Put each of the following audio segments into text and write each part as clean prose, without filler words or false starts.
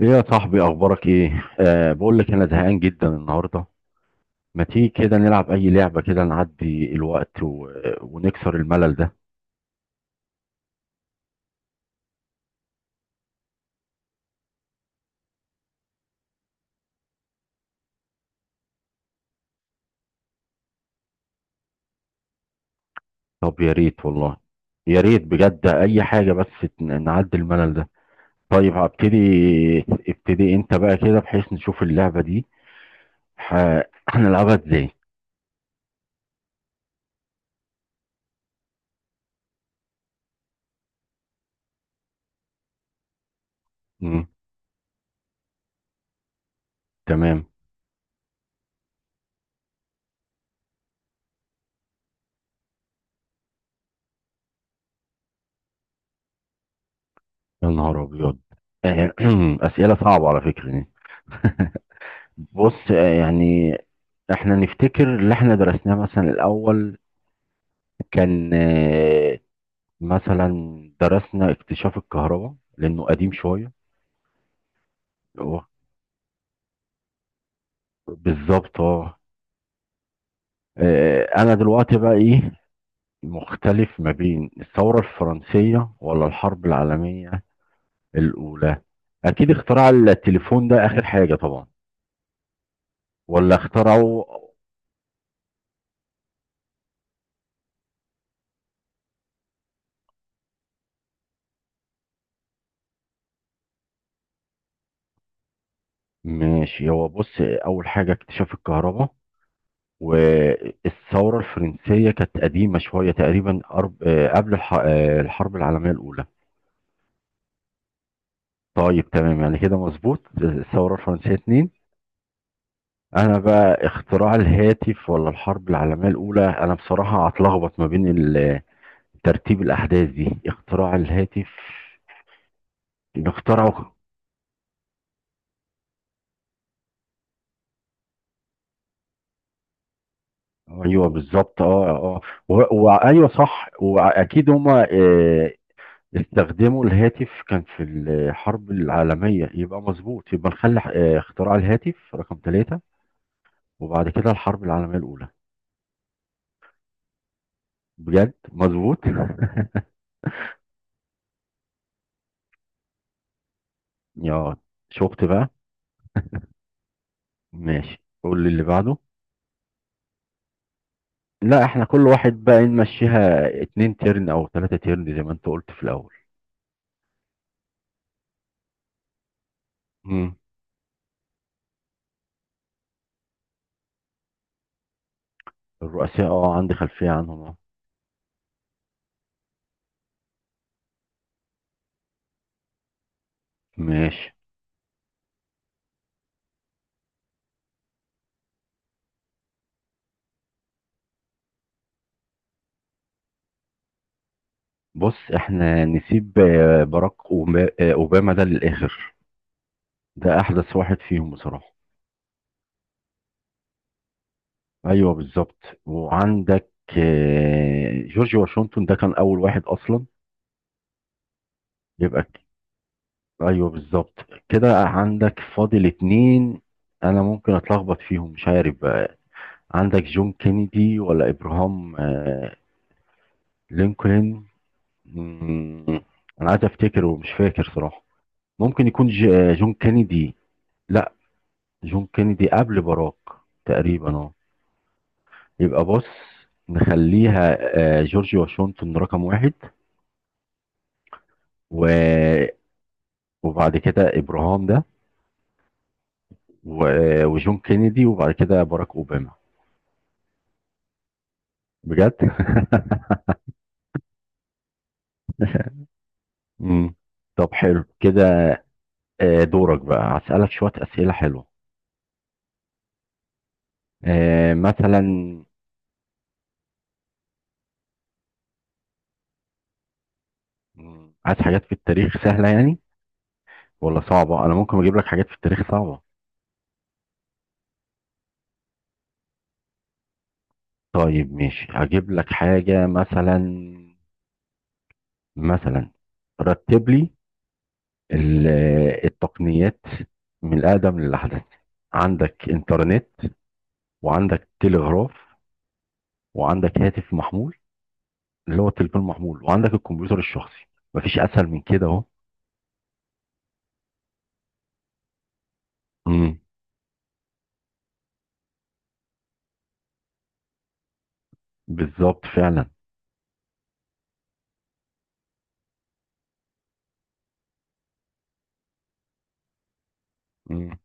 ايه يا صاحبي، اخبارك ايه؟ بقول لك انا زهقان جدا النهارده. ما تيجي كده نلعب اي لعبه كده نعدي الوقت ونكسر الملل ده. طب يا ريت والله. يا ريت بجد اي حاجه بس نعدي الملل ده. طيب هبتدي. ابتدي انت بقى كده بحيث نشوف اللعبه دي ح... هنلعبها ازاي؟ مم. تمام. يا نهار ابيض. آه، اسئله صعبه على فكره دي. بص، يعني احنا نفتكر اللي احنا درسناه مثلا الاول كان، مثلا، درسنا اكتشاف الكهرباء لانه قديم شويه. هو بالظبط، اه. انا دلوقتي بقى ايه مختلف ما بين الثوره الفرنسيه ولا الحرب العالميه الاولى؟ اكيد اختراع التليفون ده اخر حاجه طبعا. ولا اخترعوا. ماشي، هو بص، اول حاجه اكتشاف الكهرباء، والثوره الفرنسيه كانت قديمه شويه تقريبا، أرب... آه، قبل الحرب العالميه الاولى. طيب تمام، يعني كده مظبوط. الثورة الفرنسية اتنين. انا بقى اختراع الهاتف ولا الحرب العالمية الاولى، انا بصراحة هتلخبط ما بين ترتيب الاحداث دي. اختراع الهاتف اللي اخترعه، ايوه بالظبط، اه اه. وايوه صح، واكيد هما استخدموا الهاتف، كان في الحرب العالمية، يبقى مظبوط. يبقى نخلي اختراع الهاتف رقم 3، وبعد كده الحرب العالمية الاولى. بجد مظبوط. يا، شفت بقى. ماشي قول لي اللي بعده. لا احنا كل واحد بقى نمشيها اتنين تيرن او تلاتة تيرن زي ما انت قلت في الاول. مم. الرؤساء، اه، عندي خلفية عنهم، اه. ماشي. بص احنا نسيب باراك اوباما ده للاخر. ده احدث واحد فيهم بصراحة. ايوه بالظبط. وعندك جورج واشنطن ده كان اول واحد اصلا. يبقى ك- ايوه بالظبط. كده عندك فاضل اتنين، انا ممكن اتلخبط فيهم مش عارف بقى. عندك جون كينيدي ولا ابراهام لينكولن؟ مم. انا عايز افتكر ومش فاكر صراحة. ممكن يكون جون كينيدي. لا، جون كينيدي قبل باراك تقريبا، اه. يبقى بص، نخليها جورج واشنطن رقم 1، و... وبعد كده ابراهام ده، و... آه، وجون كينيدي، وبعد كده باراك اوباما. بجد. مم. طب حلو كده. دورك بقى، هسألك شوية أسئلة حلوة. مثلا. مم. عايز حاجات في التاريخ سهلة يعني ولا صعبة؟ انا ممكن اجيب لك حاجات في التاريخ صعبة. طيب ماشي هجيب لك حاجة. مثلا، مثلا، رتب لي ال- التقنيات من الأقدم للأحدث. عندك إنترنت، وعندك تلغراف، وعندك هاتف محمول اللي هو التليفون المحمول، وعندك الكمبيوتر الشخصي. مفيش أسهل من كده أهو. امم بالظبط فعلا. مم.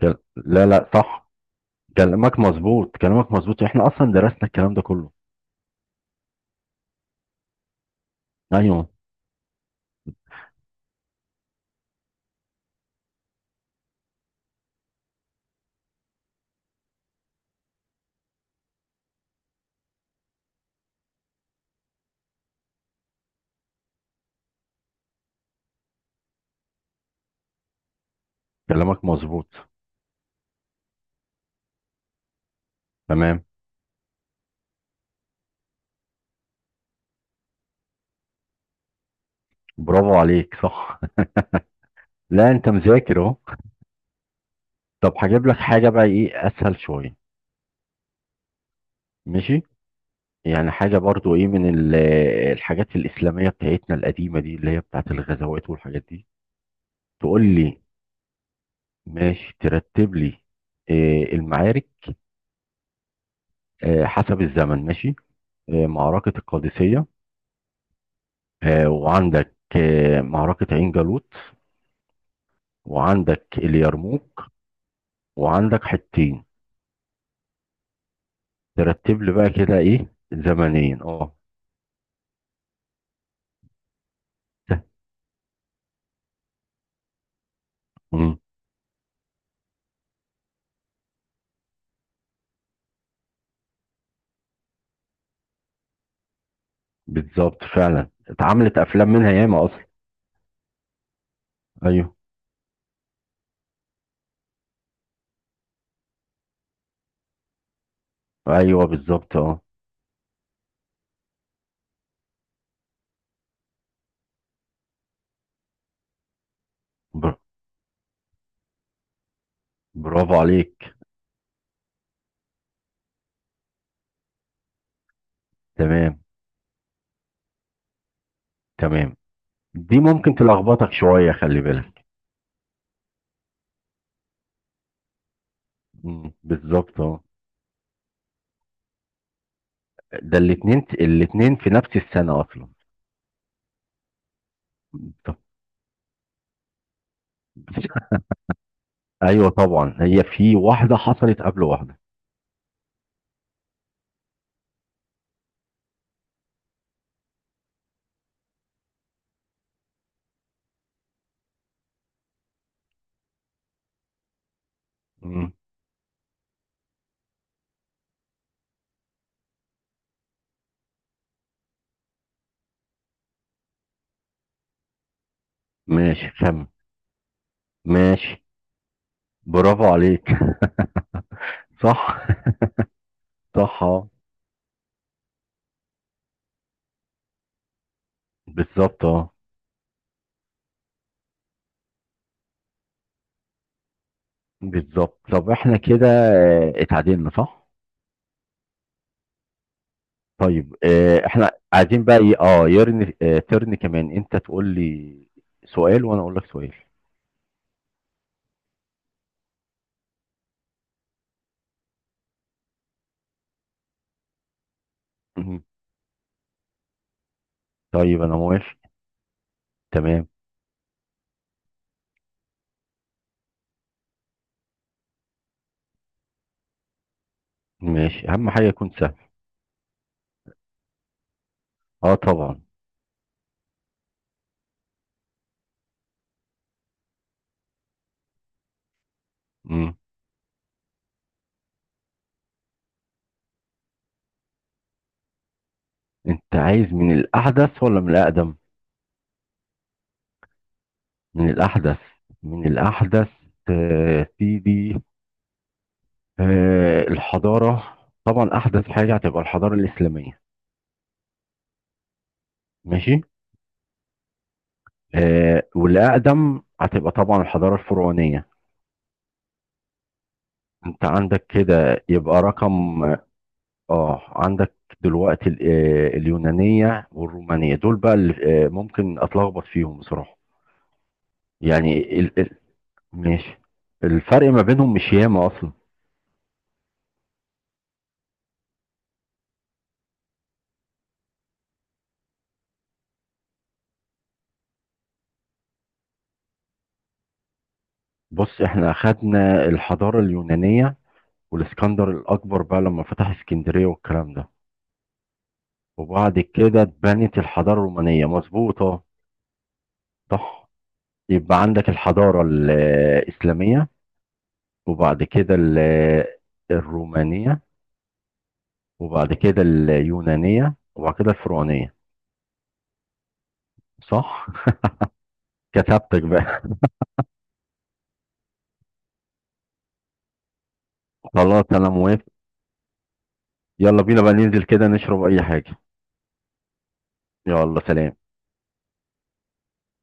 لا لا صح، كلامك مظبوط، كلامك مظبوط، احنا اصلا درسنا الكلام ده كله. ايوه. كلامك مظبوط، تمام. برافو عليك، صح. لا انت مذاكر اهو. طب هجيب لك حاجه بقى ايه اسهل شويه. ماشي. يعني حاجه برضو ايه من الحاجات الاسلاميه بتاعتنا القديمه دي، اللي هي بتاعت الغزوات والحاجات دي. تقول لي. ماشي ترتب لي المعارك حسب الزمن، ماشي. معركه القادسيه، وعندك معركه عين جالوت، وعندك اليرموك، وعندك حطين. ترتب لي بقى كده ايه، زمنيا، اه. مم. بالظبط فعلا، اتعملت افلام منها ياما اصلا. ايوه. ايوه بالظبط، اه. بر- برافو عليك. تمام. تمام. دي ممكن تلخبطك شويه، خلي بالك. مم. بالظبط اه. ده الاتنين الاتنين في نفس السنه اصلا. طب. ايوه طبعا، هي في واحده حصلت قبل واحده. مم. ماشي خم. ماشي. برافو عليك. صح. صح اه. بالظبط اه. بالظبط. طب احنا كده اتعادلنا، صح؟ طيب احنا عايزين بقى ايه، يرن آه، ترن كمان، انت تقول لي سؤال وانا اقول لك سؤال. مهم. طيب انا موافق. تمام. ماشي، اهم حاجه يكون سهل. اه طبعا. مم. انت عايز من الاحدث ولا من الاقدم؟ من الاحدث. من الاحدث سيدي، آه، الحضاره طبعا احدث حاجه هتبقى الحضاره الاسلاميه. ماشي. والاقدم هتبقى طبعا الحضاره الفرعونيه. انت عندك كده يبقى رقم. اه عندك دلوقتي اليونانية والرومانية، دول بقى اللي ممكن اتلخبط فيهم بصراحة. يعني ماشي. الفرق ما بينهم مش ياما اصلا. بص احنا اخدنا الحضارة اليونانية والاسكندر الاكبر بقى لما فتح اسكندرية والكلام ده، وبعد كده اتبنت الحضارة الرومانية مظبوطة، صح. يبقى عندك الحضارة الاسلامية، وبعد كده الرومانية، وبعد كده اليونانية، وبعد كده الفرعونية. صح. كتبتك بقى. خلاص انا موافق. يلا بينا بقى ننزل كده نشرب اي حاجة. يلا سلام.